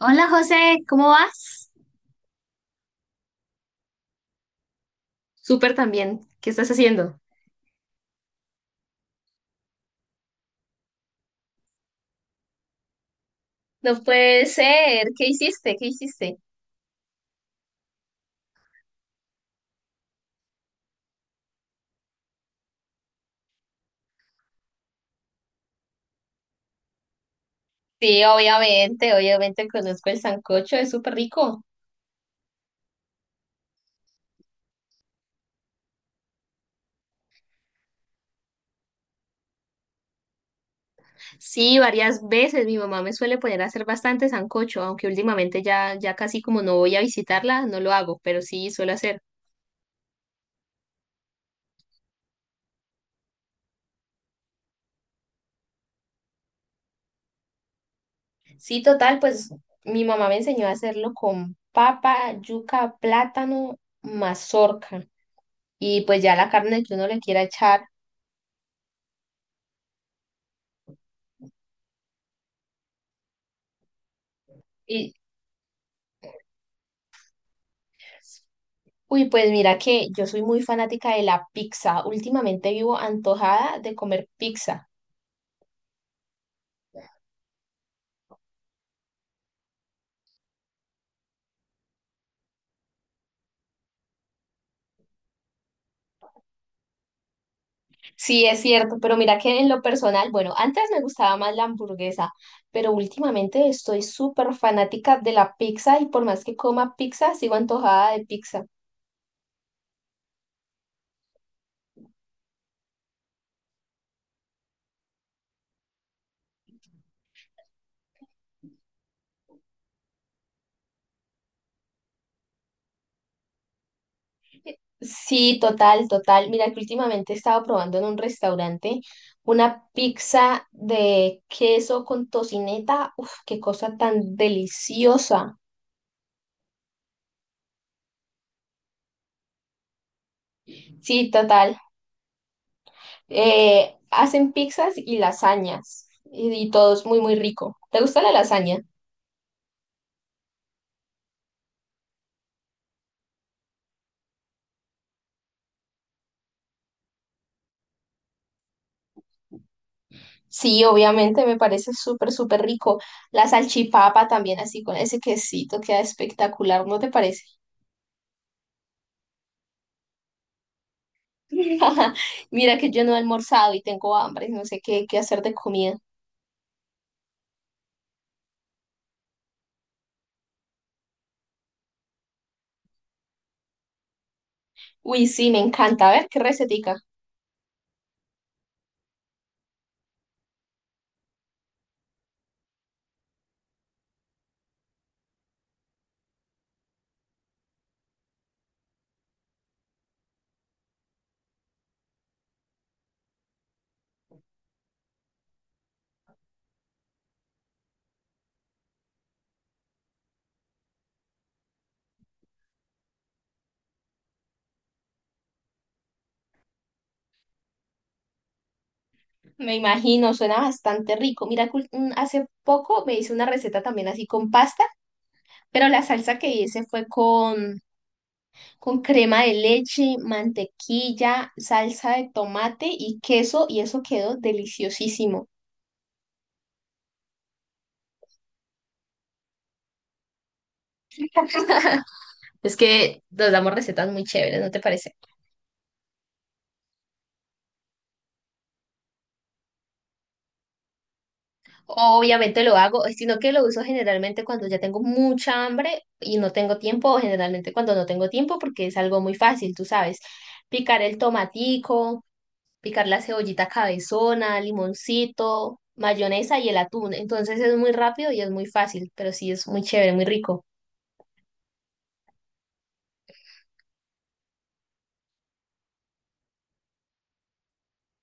Hola José, ¿cómo vas? Súper también. ¿Qué estás haciendo? No puede ser, ¿qué hiciste? ¿Qué hiciste? Sí, obviamente, obviamente conozco el sancocho, es súper rico. Sí, varias veces mi mamá me suele poner a hacer bastante sancocho, aunque últimamente ya casi como no voy a visitarla, no lo hago, pero sí suelo hacer. Sí, total, pues mi mamá me enseñó a hacerlo con papa, yuca, plátano, mazorca y pues ya la carne que uno le quiera echar. Uy, pues mira que yo soy muy fanática de la pizza. Últimamente vivo antojada de comer pizza. Sí, es cierto, pero mira que en lo personal, bueno, antes me gustaba más la hamburguesa, pero últimamente estoy súper fanática de la pizza y por más que coma pizza, sigo antojada de pizza. Sí, total, total. Mira que últimamente he estado probando en un restaurante una pizza de queso con tocineta. Uf, qué cosa tan deliciosa. Sí, total. Hacen pizzas y lasañas y todo es muy, muy rico. ¿Te gusta la lasaña? Sí, obviamente, me parece súper, súper rico. La salchipapa también, así con ese quesito, queda espectacular, ¿no te parece? Mira que yo no he almorzado y tengo hambre, no sé qué, qué hacer de comida. Uy, sí, me encanta. A ver, qué recetica. Me imagino, suena bastante rico. Mira, que hace poco me hice una receta también así con pasta, pero la salsa que hice fue con crema de leche, mantequilla, salsa de tomate y queso, y eso quedó deliciosísimo. Es que nos damos recetas muy chéveres, ¿no te parece? Obviamente lo hago, sino que lo uso generalmente cuando ya tengo mucha hambre y no tengo tiempo, o generalmente cuando no tengo tiempo, porque es algo muy fácil, tú sabes. Picar el tomatico, picar la cebollita cabezona, limoncito, mayonesa y el atún. Entonces es muy rápido y es muy fácil, pero sí es muy chévere, muy rico.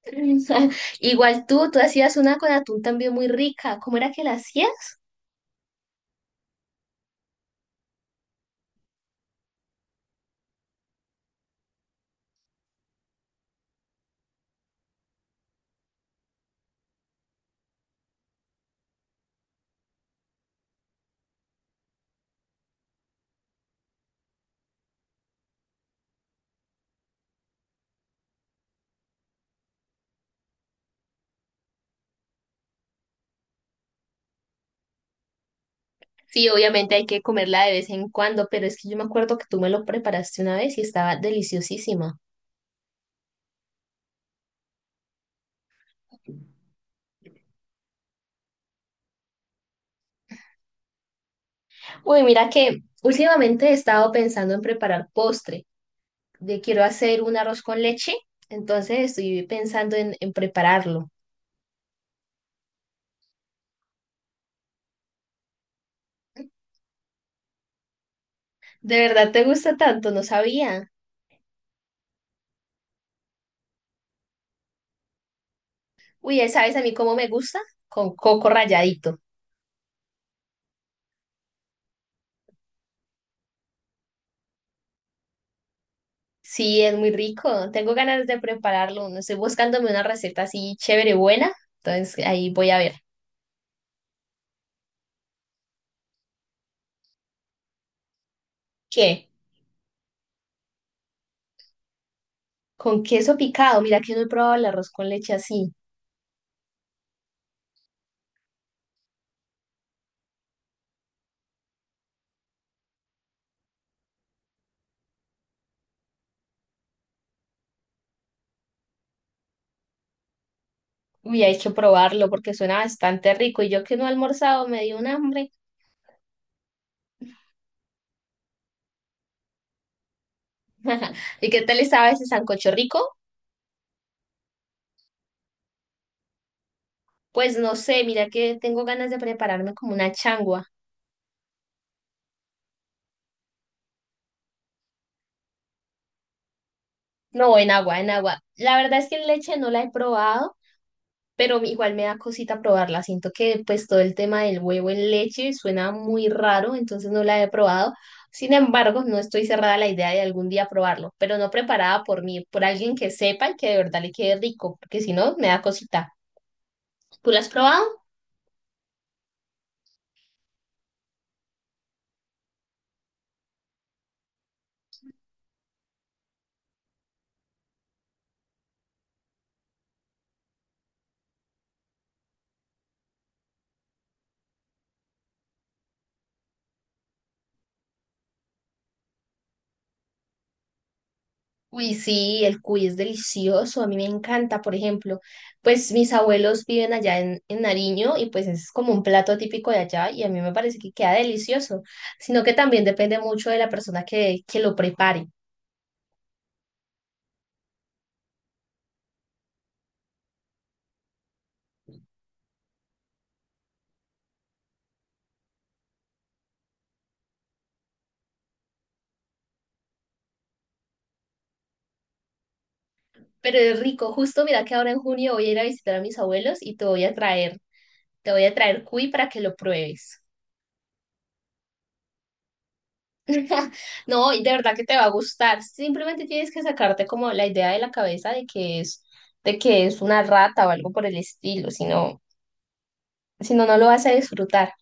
Igual tú hacías una con atún también muy rica. ¿Cómo era que la hacías? Sí, obviamente hay que comerla de vez en cuando, pero es que yo me acuerdo que tú me lo preparaste una vez y estaba deliciosísima. Uy, mira que últimamente he estado pensando en preparar postre. De quiero hacer un arroz con leche, entonces estoy pensando en prepararlo. ¿De verdad te gusta tanto? No sabía. Uy, ¿sabes a mí cómo me gusta? Con coco ralladito. Sí, es muy rico. Tengo ganas de prepararlo. No estoy buscándome una receta así chévere, buena. Entonces ahí voy a ver. ¿Qué? Con queso picado. Mira que no he probado el arroz con leche así. Uy, hay que probarlo porque suena bastante rico. Y yo que no he almorzado me dio un hambre. ¿Y qué tal estaba ese sancocho rico? Pues no sé, mira que tengo ganas de prepararme como una changua. No, en agua, en agua. La verdad es que en leche no la he probado, pero igual me da cosita probarla. Siento que pues todo el tema del huevo en leche suena muy raro, entonces no la he probado. Sin embargo, no estoy cerrada a la idea de algún día probarlo, pero no preparada por mí, por alguien que sepa y que de verdad le quede rico, porque si no, me da cosita. ¿Tú la has probado? Uy, sí, el cuy es delicioso, a mí me encanta, por ejemplo, pues mis abuelos viven allá en Nariño y pues es como un plato típico de allá y a mí me parece que queda delicioso, sino que también depende mucho de la persona que lo prepare. Pero es rico, justo mira que ahora en junio voy a ir a visitar a mis abuelos y te voy a traer, te voy a traer cuy para que lo pruebes. No, y de verdad que te va a gustar. Simplemente tienes que sacarte como la idea de la cabeza de que es una rata o algo por el estilo, si no, si no, no lo vas a disfrutar.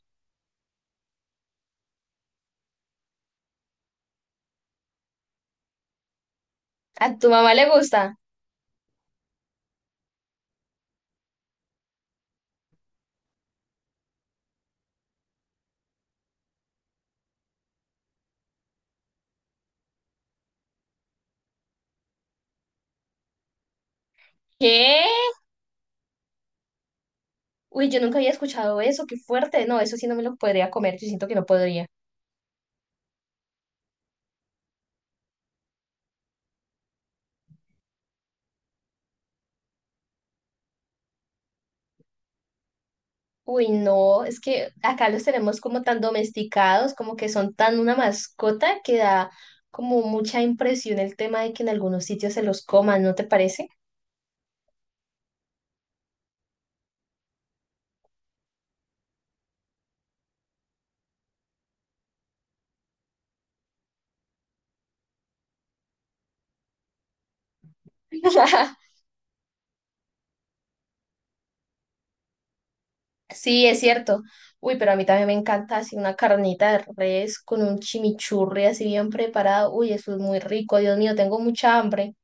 ¿A tu mamá le gusta? ¿Qué? Uy, yo nunca había escuchado eso, qué fuerte. No, eso sí no me lo podría comer, yo siento que no podría. Uy, no, es que acá los tenemos como tan domesticados, como que son tan una mascota que da como mucha impresión el tema de que en algunos sitios se los coman, ¿no te parece? Sí, es cierto. Uy, pero a mí también me encanta así una carnita de res con un chimichurri así bien preparado. Uy, eso es muy rico. Dios mío, tengo mucha hambre.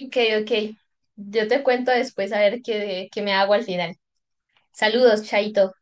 Ok, ok. Yo te cuento después a ver qué, qué me hago al final. Saludos, Chaito.